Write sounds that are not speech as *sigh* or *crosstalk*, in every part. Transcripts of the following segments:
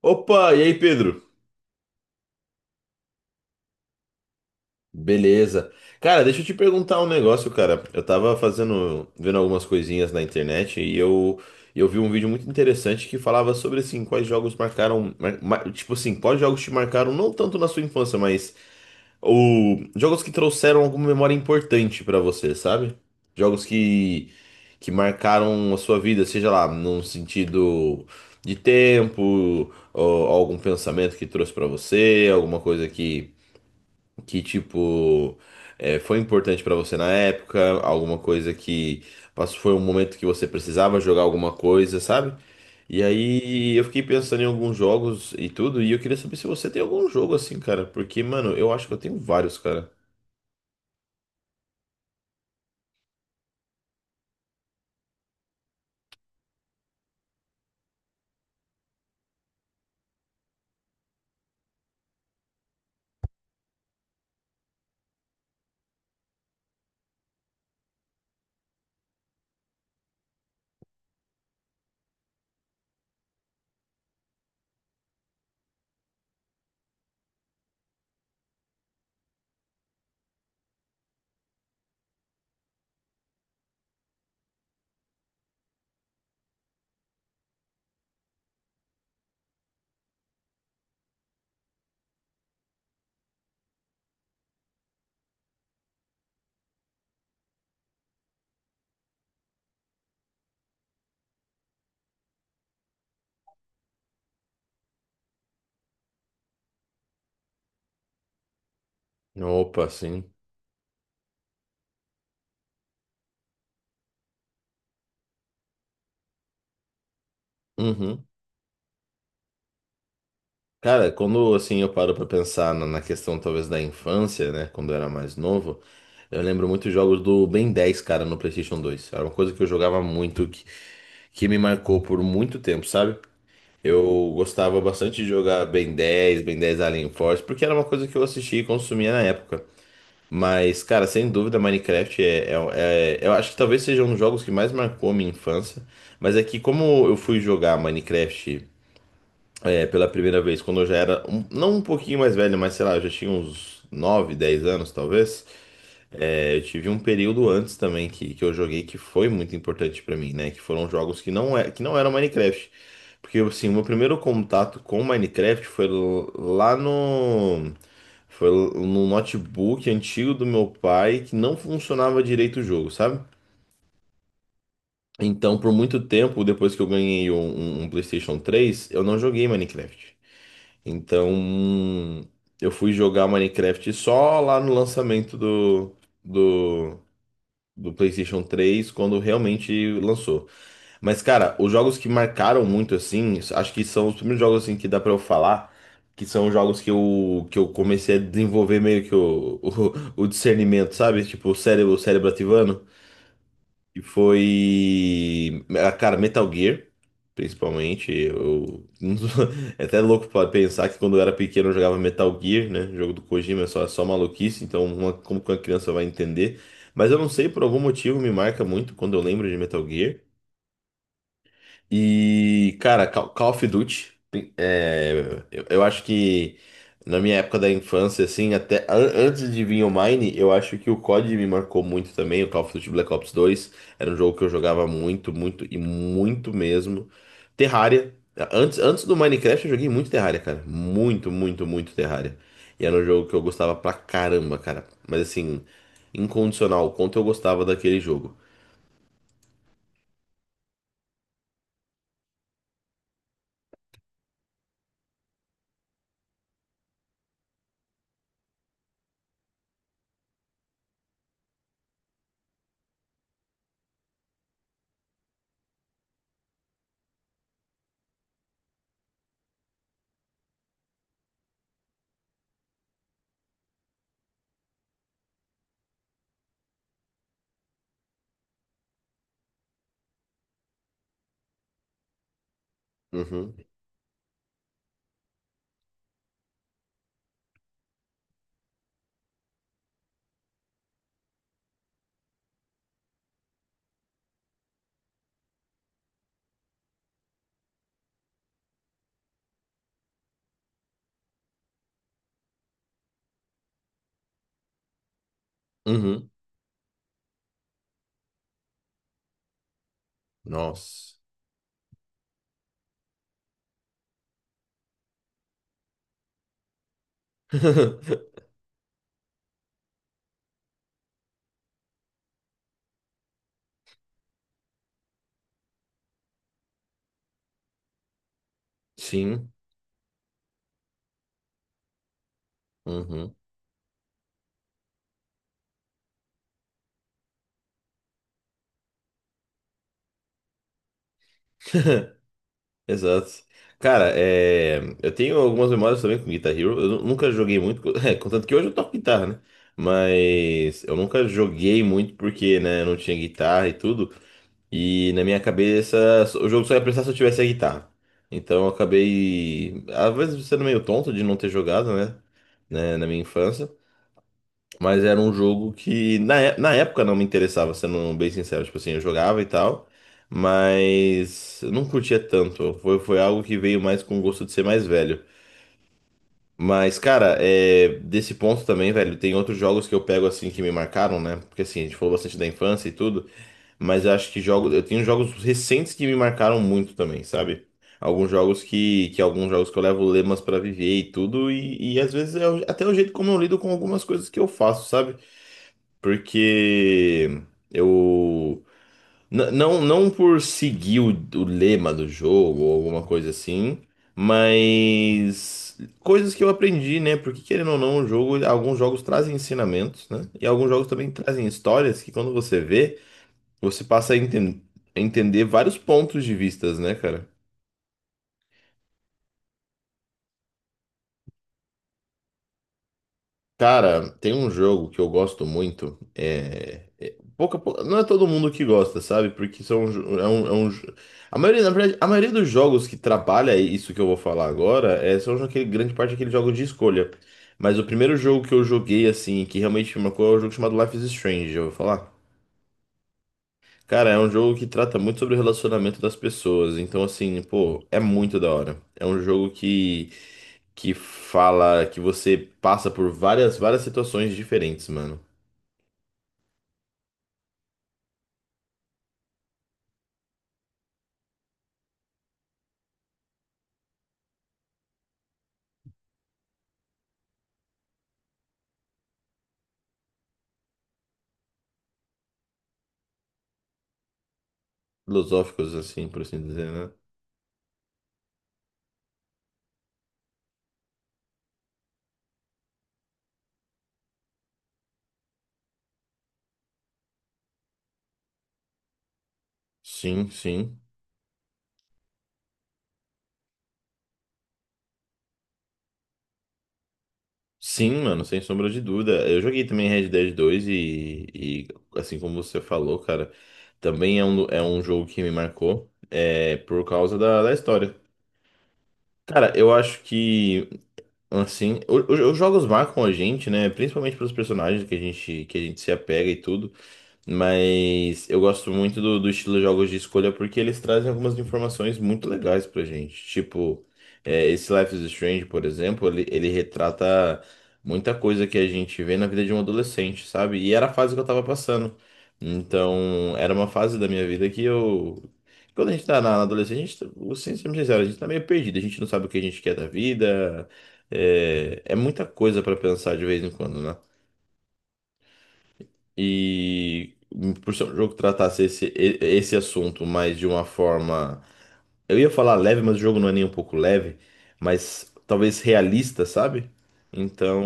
Opa, e aí, Pedro? Beleza. Cara, deixa eu te perguntar um negócio, cara. Eu tava fazendo, vendo algumas coisinhas na internet e eu vi um vídeo muito interessante que falava sobre assim, quais jogos marcaram, tipo assim, quais jogos te marcaram não tanto na sua infância, mas o jogos que trouxeram alguma memória importante pra você, sabe? Jogos que marcaram a sua vida, seja lá num sentido de tempo, ou algum pensamento que trouxe pra você, alguma coisa que tipo foi importante pra você na época, alguma coisa que passou, foi um momento que você precisava jogar alguma coisa, sabe? E aí eu fiquei pensando em alguns jogos e tudo, e eu queria saber se você tem algum jogo assim, cara, porque, mano, eu acho que eu tenho vários, cara. Opa, sim. Uhum. Cara, quando assim eu paro pra pensar na questão talvez da infância, né, quando eu era mais novo, eu lembro muito jogos do Ben 10 cara, no PlayStation 2. Era uma coisa que eu jogava muito, que me marcou por muito tempo, sabe? Eu gostava bastante de jogar Ben 10, Ben 10 Alien Force, porque era uma coisa que eu assistia e consumia na época. Mas, cara, sem dúvida, Minecraft. Eu acho que talvez seja um dos jogos que mais marcou a minha infância. Mas é que, como eu fui jogar Minecraft pela primeira vez, quando eu já era, não um pouquinho mais velho, mas sei lá, eu já tinha uns 9 10 anos, talvez. É, eu tive um período antes também que eu joguei que foi muito importante pra mim, né? Que foram jogos que não, é, que não eram Minecraft. Porque, assim, o meu primeiro contato com Minecraft foi lá no... Foi no notebook antigo do meu pai que não funcionava direito o jogo, sabe? Então, por muito tempo, depois que eu ganhei um PlayStation 3, eu não joguei Minecraft. Então, eu fui jogar Minecraft só lá no lançamento do do PlayStation 3 quando realmente lançou. Mas, cara, os jogos que marcaram muito, assim, acho que são os primeiros jogos assim, que dá pra eu falar, que são os jogos que eu comecei a desenvolver meio que o, *laughs* o discernimento, sabe? Tipo, o cérebro ativando. E foi. Ah, cara, Metal Gear, principalmente. Eu... *laughs* É até louco pra pensar que quando eu era pequeno eu jogava Metal Gear, né? Jogo do Kojima, é só maluquice, então como que uma criança vai entender? Mas eu não sei, por algum motivo me marca muito quando eu lembro de Metal Gear. E, cara, Call of Duty, é, eu acho que na minha época da infância, assim, até antes de vir o Mine, eu acho que o COD me marcou muito também, o Call of Duty Black Ops 2 era um jogo que eu jogava muito, muito e muito mesmo. Terraria, antes do Minecraft eu joguei muito Terraria, cara, muito, muito, muito Terraria. E era um jogo que eu gostava pra caramba, cara, mas assim, incondicional, o quanto eu gostava daquele jogo. Uhum, uhum, nossa. *laughs* Sim. Uhum. *laughs* Exato. Cara, é, eu tenho algumas memórias também com Guitar Hero. Eu nunca joguei muito, *laughs* contanto que hoje eu toco guitarra, né? Mas eu nunca joguei muito porque, né, eu não tinha guitarra e tudo. E na minha cabeça, o jogo só ia prestar se eu tivesse a guitarra. Então eu acabei, às vezes, sendo meio tonto de não ter jogado, né? Né, na minha infância. Mas era um jogo que na, na época não me interessava, sendo bem sincero. Tipo assim, eu jogava e tal, mas eu não curtia tanto. Foi, foi algo que veio mais com o gosto de ser mais velho. Mas, cara, é, desse ponto também, velho, tem outros jogos que eu pego assim que me marcaram, né? Porque assim, a gente falou bastante da infância e tudo, mas eu acho que jogos, eu tenho jogos recentes que me marcaram muito também, sabe? Alguns jogos que alguns jogos que eu levo lemas pra viver e tudo, e às vezes é até o jeito como eu lido com algumas coisas que eu faço, sabe? Porque eu. Não, não por seguir o lema do jogo ou alguma coisa assim, mas coisas que eu aprendi, né? Porque querendo ou não, o jogo, alguns jogos trazem ensinamentos, né? E alguns jogos também trazem histórias que quando você vê, você passa a a entender vários pontos de vistas, né, cara? Cara, tem um jogo que eu gosto muito. É, pouca, não é todo mundo que gosta, sabe? Porque são, a maioria, na verdade, a maioria dos jogos que trabalha isso que eu vou falar agora é, são aquele, grande parte daqueles jogos de escolha. Mas o primeiro jogo que eu joguei, assim, que realmente me marcou, é um jogo chamado Life is Strange, eu vou falar. Cara, é um jogo que trata muito sobre o relacionamento das pessoas. Então, assim, pô, é muito da hora. É um jogo que fala que você passa por várias, várias situações diferentes, mano. Filosóficos, assim, por assim dizer, né? Sim, sim. Sim, mano, sem sombra de dúvida. Eu joguei também Red Dead 2 e, assim como você falou, cara, também é um jogo que me marcou é, por causa da, da história. Cara, eu acho que, assim, os jogos marcam a gente, né? Principalmente pelos personagens que a gente se apega e tudo. Mas eu gosto muito do, do estilo de jogos de escolha porque eles trazem algumas informações muito legais pra gente. Tipo, é, esse Life is Strange, por exemplo, ele retrata muita coisa que a gente vê na vida de um adolescente, sabe? E era a fase que eu tava passando. Então, era uma fase da minha vida que eu. Quando a gente tá na adolescência, a gente, vou ser sincero, a gente tá meio perdido, a gente não sabe o que a gente quer da vida. É, é muita coisa pra pensar de vez em quando, né? E por ser um jogo que tratasse esse, esse assunto, mas de uma forma. Eu ia falar leve, mas o jogo não é nem um pouco leve, mas talvez realista, sabe? Então,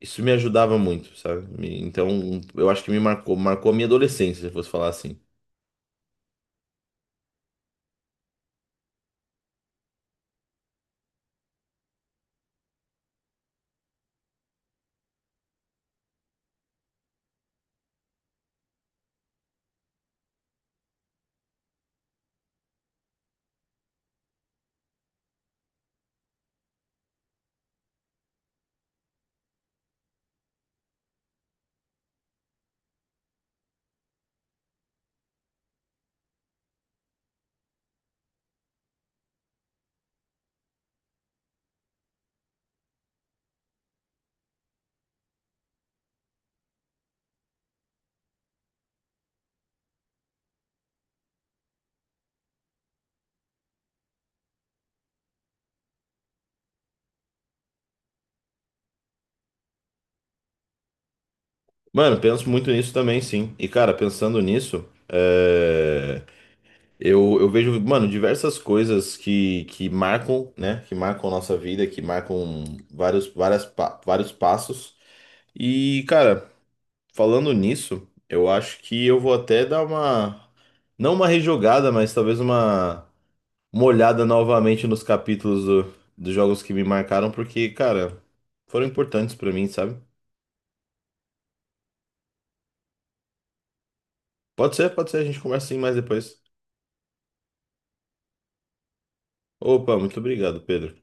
isso me ajudava muito, sabe? Então, eu acho que me marcou, marcou a minha adolescência, se eu fosse falar assim. Mano, penso muito nisso também, sim. E, cara, pensando nisso, eu vejo, mano, diversas coisas que marcam, né? Que marcam nossa vida, que marcam vários passos. E, cara, falando nisso, eu acho que eu vou até dar uma, não uma rejogada, mas talvez uma olhada novamente nos capítulos dos jogos que me marcaram, porque, cara, foram importantes pra mim, sabe? Pode ser, a gente conversa sim mais depois. Opa, muito obrigado, Pedro.